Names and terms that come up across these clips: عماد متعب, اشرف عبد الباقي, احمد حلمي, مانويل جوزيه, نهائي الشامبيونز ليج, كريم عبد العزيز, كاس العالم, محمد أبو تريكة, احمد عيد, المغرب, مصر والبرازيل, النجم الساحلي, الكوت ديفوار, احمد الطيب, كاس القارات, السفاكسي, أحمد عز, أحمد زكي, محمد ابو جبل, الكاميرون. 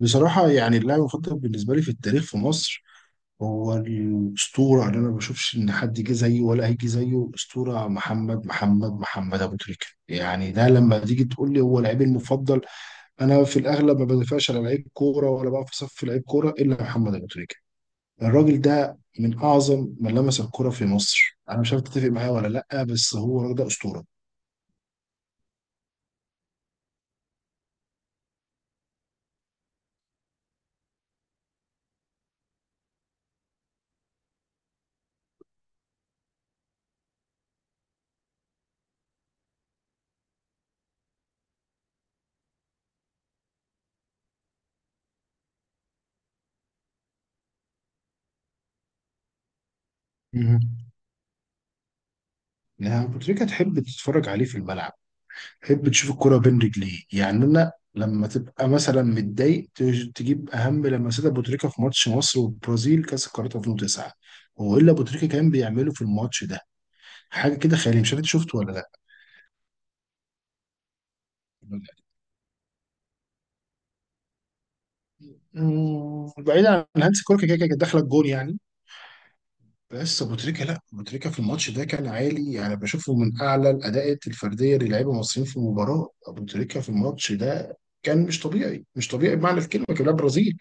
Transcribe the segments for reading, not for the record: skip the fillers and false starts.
بصراحة يعني اللاعب المفضل بالنسبة لي في التاريخ في مصر هو الأسطورة اللي أنا ما بشوفش إن حد جه زيه ولا هيجي زيه، الأسطورة محمد محمد محمد أبو تريكة. يعني ده لما تيجي تقول لي هو لعيبي المفضل، أنا في الأغلب ما بدافعش على لعيب كورة ولا بقى في صف لعيب كورة إلا محمد أبو تريكة. الراجل ده من أعظم من لمس الكرة في مصر. أنا مش عارف تتفق معايا ولا لأ، بس هو الراجل ده أسطورة. مهم. يعني أبو تريكة تحب تتفرج عليه في الملعب، حب تشوف الكرة بين رجليه. يعني انا لما تبقى مثلا متضايق تجيب اهم لمسات ابو تريكة في ماتش مصر والبرازيل كاس القارات 2009. هو ايه اللي ابو تريكة كان بيعمله في الماتش ده؟ حاجه كده خياليه، مش عارف انت شفته ولا لا. بعيد عن هانس كلوكا، كده كده كانت داخله الجون يعني. بس ابو تريكة، لا، ابو تريكة في الماتش ده كان عالي يعني. بشوفه من اعلى الاداءات الفرديه للاعيبه المصريين في المباراه، ابو تريكة في الماتش ده كان مش طبيعي مش طبيعي بمعنى الكلمه، كان لاعب برازيل.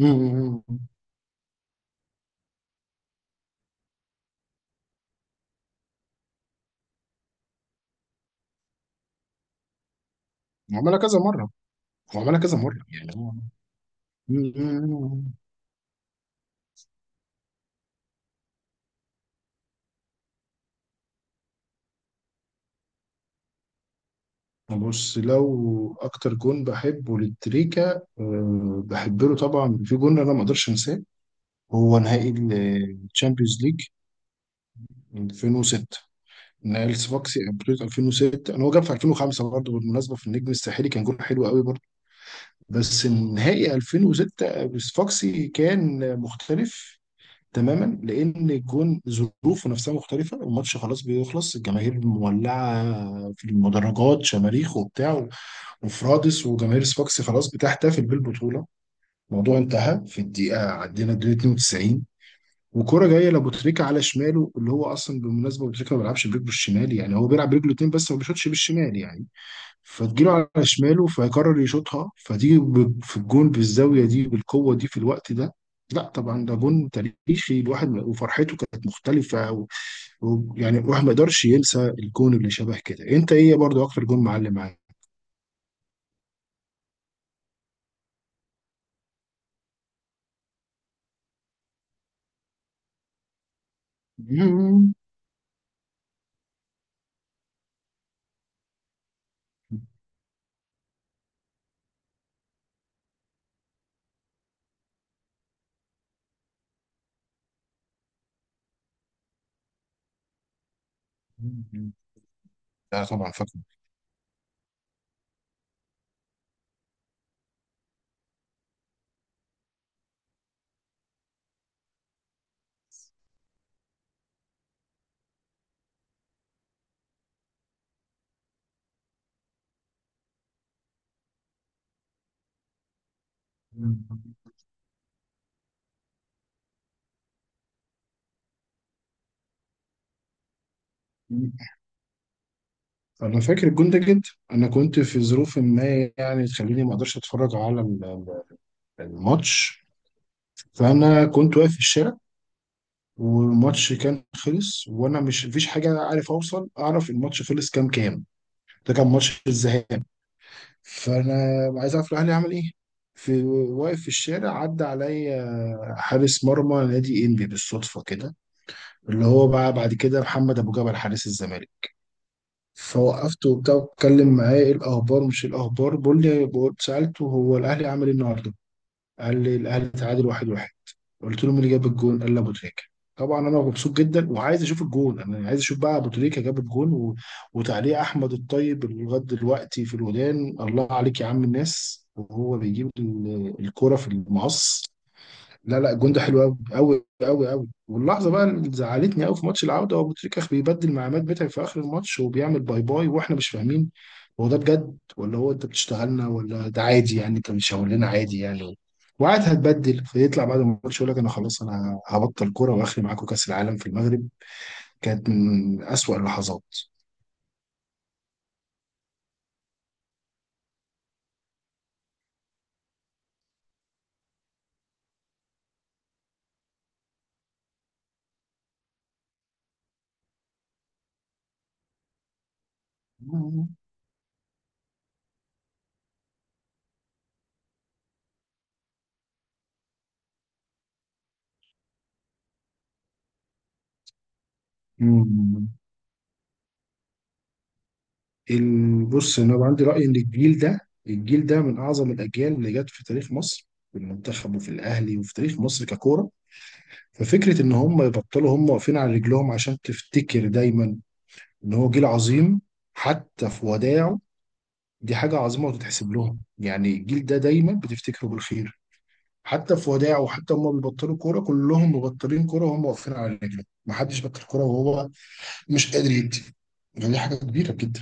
أمم، عملها كذا مره. هو عملها كذا مرة يعني هو. مم. بص لو أكتر جون بحبه للتريكا، أه بحب له طبعا. في جون أنا ما أقدرش أنساه، هو نهائي الشامبيونز ليج 2006، نهائي السفاكسي أبريل 2006. أنا هو جاب في 2005 برضه بالمناسبة في النجم الساحلي، كان جون حلو قوي برضه، بس النهائي 2006 السفاكسي كان مختلف تماما لان الجون ظروفه نفسها مختلفه، والماتش خلاص بيخلص، الجماهير مولعه في المدرجات شماريخ وبتاع وفرادس، وجماهير سفاكس خلاص بتحتفل بالبطوله، الموضوع انتهى في الدقيقه، عدينا الدقيقه 92، وكرة جايه لابو تريكة على شماله، اللي هو اصلا بالمناسبه ابو تريكة ما بيلعبش برجله الشمال، يعني هو بيلعب برجله اتنين بس ما بيشوطش بالشمال يعني. فتجيله على شماله فيقرر يشوطها فتيجي في الجون بالزاويه دي بالقوه دي في الوقت ده. لا طبعا ده جون تاريخي، الواحد وفرحته كانت مختلفه يعني الواحد ما يقدرش ينسى الجون. اللي شبه كده، انت ايه برضو اكتر جون معلم معاك؟ مم. لا طبعا فاكر، انا فاكر الجون ده جدا. انا كنت في ظروف ما يعني تخليني ما اقدرش اتفرج على الماتش. فانا كنت واقف في الشارع، والماتش كان خلص، وانا مش مفيش حاجه عارف اوصل اعرف الماتش خلص كام كام. ده كان ماتش الذهاب، فانا عايز اعرف الاهلي عمل ايه، في واقف في الشارع. عدى عليا حارس مرمى نادي انبي بالصدفه كده، اللي هو بقى بعد كده محمد ابو جبل حارس الزمالك. فوقفته وبتاع واتكلم معاه ايه الاخبار، مش إيه الاخبار، بيقول لي، سالته هو الاهلي عمل ايه النهارده؟ قال لي الاهلي تعادل واحد واحد. قلت له مين اللي جاب الجون؟ قال لي ابو تريكه. طبعا انا مبسوط جدا وعايز اشوف الجون، انا عايز اشوف بقى ابو تريكه جاب الجون. وتعليق احمد الطيب اللي لغايه دلوقتي في الودان، الله عليك يا عم الناس وهو بيجيب الكرة في المقص. لا لا، الجون ده حلو قوي قوي قوي قوي، واللحظه بقى اللي زعلتني قوي في ماتش العوده، هو ابو تريكه بيبدل مع عماد متعب في اخر الماتش وبيعمل باي باي، واحنا مش فاهمين هو ده بجد ولا هو انت بتشتغلنا، ولا ده عادي يعني انت بتشاور لنا عادي يعني، وقعد هتبدل. فيطلع بعد الماتش يقول لك انا خلاص انا هبطل كوره واخري معاكم كاس العالم في المغرب. كانت من اسوأ اللحظات. بص انا عندي راي ان الجيل ده، الجيل ده من اعظم الاجيال اللي جت في تاريخ مصر، في المنتخب وفي الاهلي وفي تاريخ مصر ككوره. ففكره ان هم يبطلوا هم واقفين على رجلهم، عشان تفتكر دايما ان هو جيل عظيم حتى في وداعه، دي حاجه عظيمه وتتحسب لهم. يعني الجيل ده دايما بتفتكره بالخير حتى في وداعه، وحتى هم بيبطلوا كوره، كلهم مبطلين كوره وهم واقفين على رجلهم، محدش بطل كوره وهو مش قادر يدي. يعني دي حاجه كبيره جدا.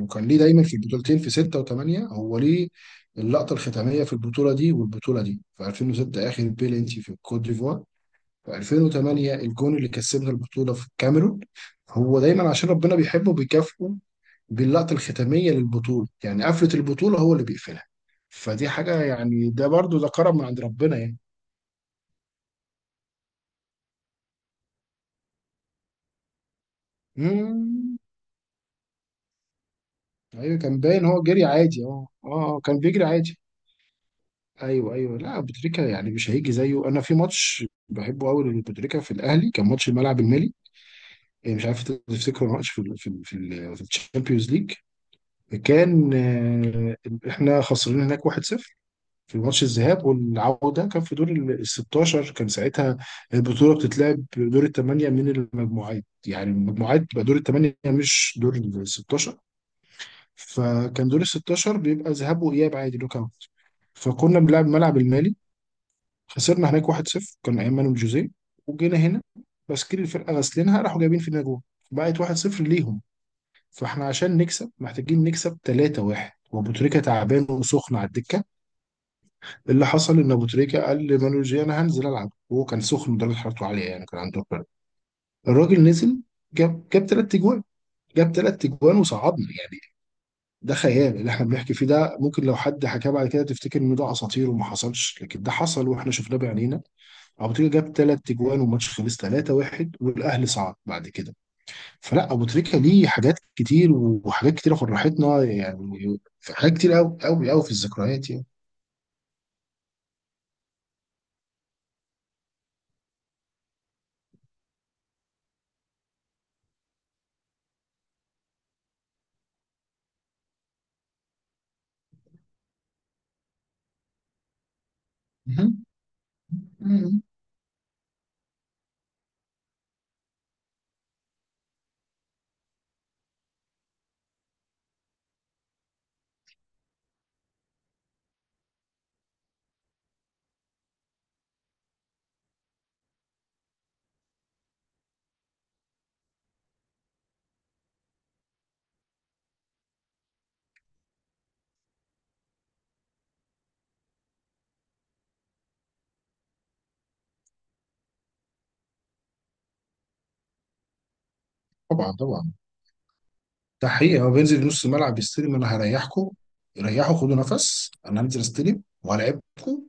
وكان ليه دايما في البطولتين في 6 و8، هو ليه اللقطة الختامية في البطولة دي والبطولة دي، في 2006 آخر بيلينتي في الكوت ديفوار، في 2008 الجون اللي كسبنا البطولة في الكاميرون. هو دايما عشان ربنا بيحبه بيكافئه باللقطة الختامية للبطولة، يعني قفلة البطولة هو اللي بيقفلها. فدي حاجة يعني ده برضو ده كرم من عند ربنا يعني. مم. أيوة كان باين هو جري عادي، اه اه. أه، كان بيجري عادي. ايوه ايوه، لا بوتريكا يعني مش هيجي زيه. انا في ماتش بحبه قوي لبوتريكا في الاهلي، كان ماتش الملعب المالي. إيه، مش عارف انت تفتكره ماتش في الشامبيونز ليج. كان احنا خسرانين هناك 1-0 في ماتش الذهاب، والعوده كان في دور ال 16 كان ساعتها، البطوله بتتلعب دور الثمانيه من المجموعات، يعني المجموعات بقى دور الثمانيه مش دور ال 16، فكان دور ال 16 بيبقى ذهاب واياب عادي نوك اوت. فكنا بنلعب الملعب المالي، خسرنا هناك 1-0، كان ايام مانويل جوزيه. وجينا هنا، تشكيل الفرقه غاسلينها، راحوا جايبين فينا جول بقت 1-0 ليهم. فاحنا عشان نكسب محتاجين نكسب 3-1، وابو تريكه تعبان وسخن على الدكه. اللي حصل ان ابو تريكه قال لمانويل جوزيه انا هنزل العب، وهو كان سخن درجه حرارته عاليه يعني كان عنده برد. الراجل نزل، جاب ثلاث اجوان، جاب ثلاث اجوان وصعدنا يعني. ده خيال اللي احنا بنحكي فيه، ده ممكن لو حد حكاه بعد كده تفتكر ان ده اساطير وما حصلش، لكن ده حصل واحنا شفناه بعينينا. ابو تريكه جاب ثلاث اجوان والماتش خلص 3-1 والاهلي صعد بعد كده. فلا ابو تريكه ليه حاجات كتير وحاجات كتيره فرحتنا يعني، في حاجات كتير قوي قوي قوي في الذكريات يعني. مهم. مهم. طبعا طبعا. ده حقيقي، هو بينزل نص الملعب يستلم، انا هريحكم، ريحوا خدوا نفس، انا هنزل استلم وهلاعبكم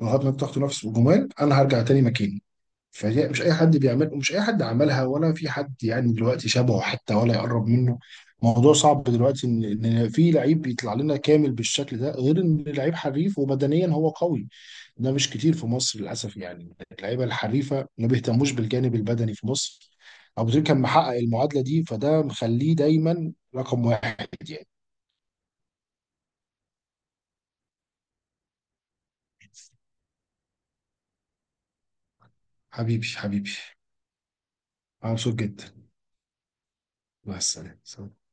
لغايه ما تاخدوا نفس وجمال، انا هرجع تاني مكاني. فهي مش اي حد بيعمل، ومش اي حد عملها ولا في حد يعني دلوقتي شبهه حتى ولا يقرب منه. موضوع صعب دلوقتي إن في لعيب بيطلع لنا كامل بالشكل ده، غير ان لعيب حريف وبدنيا هو قوي. ده مش كتير في مصر للاسف، يعني اللعيبه الحريفه ما بيهتموش بالجانب البدني في مصر. ابو تريكة كان محقق المعادله دي، فده مخليه دايما رقم واحد يعني. حبيبي حبيبي. أنا مبسوط جدا. مع السلامه.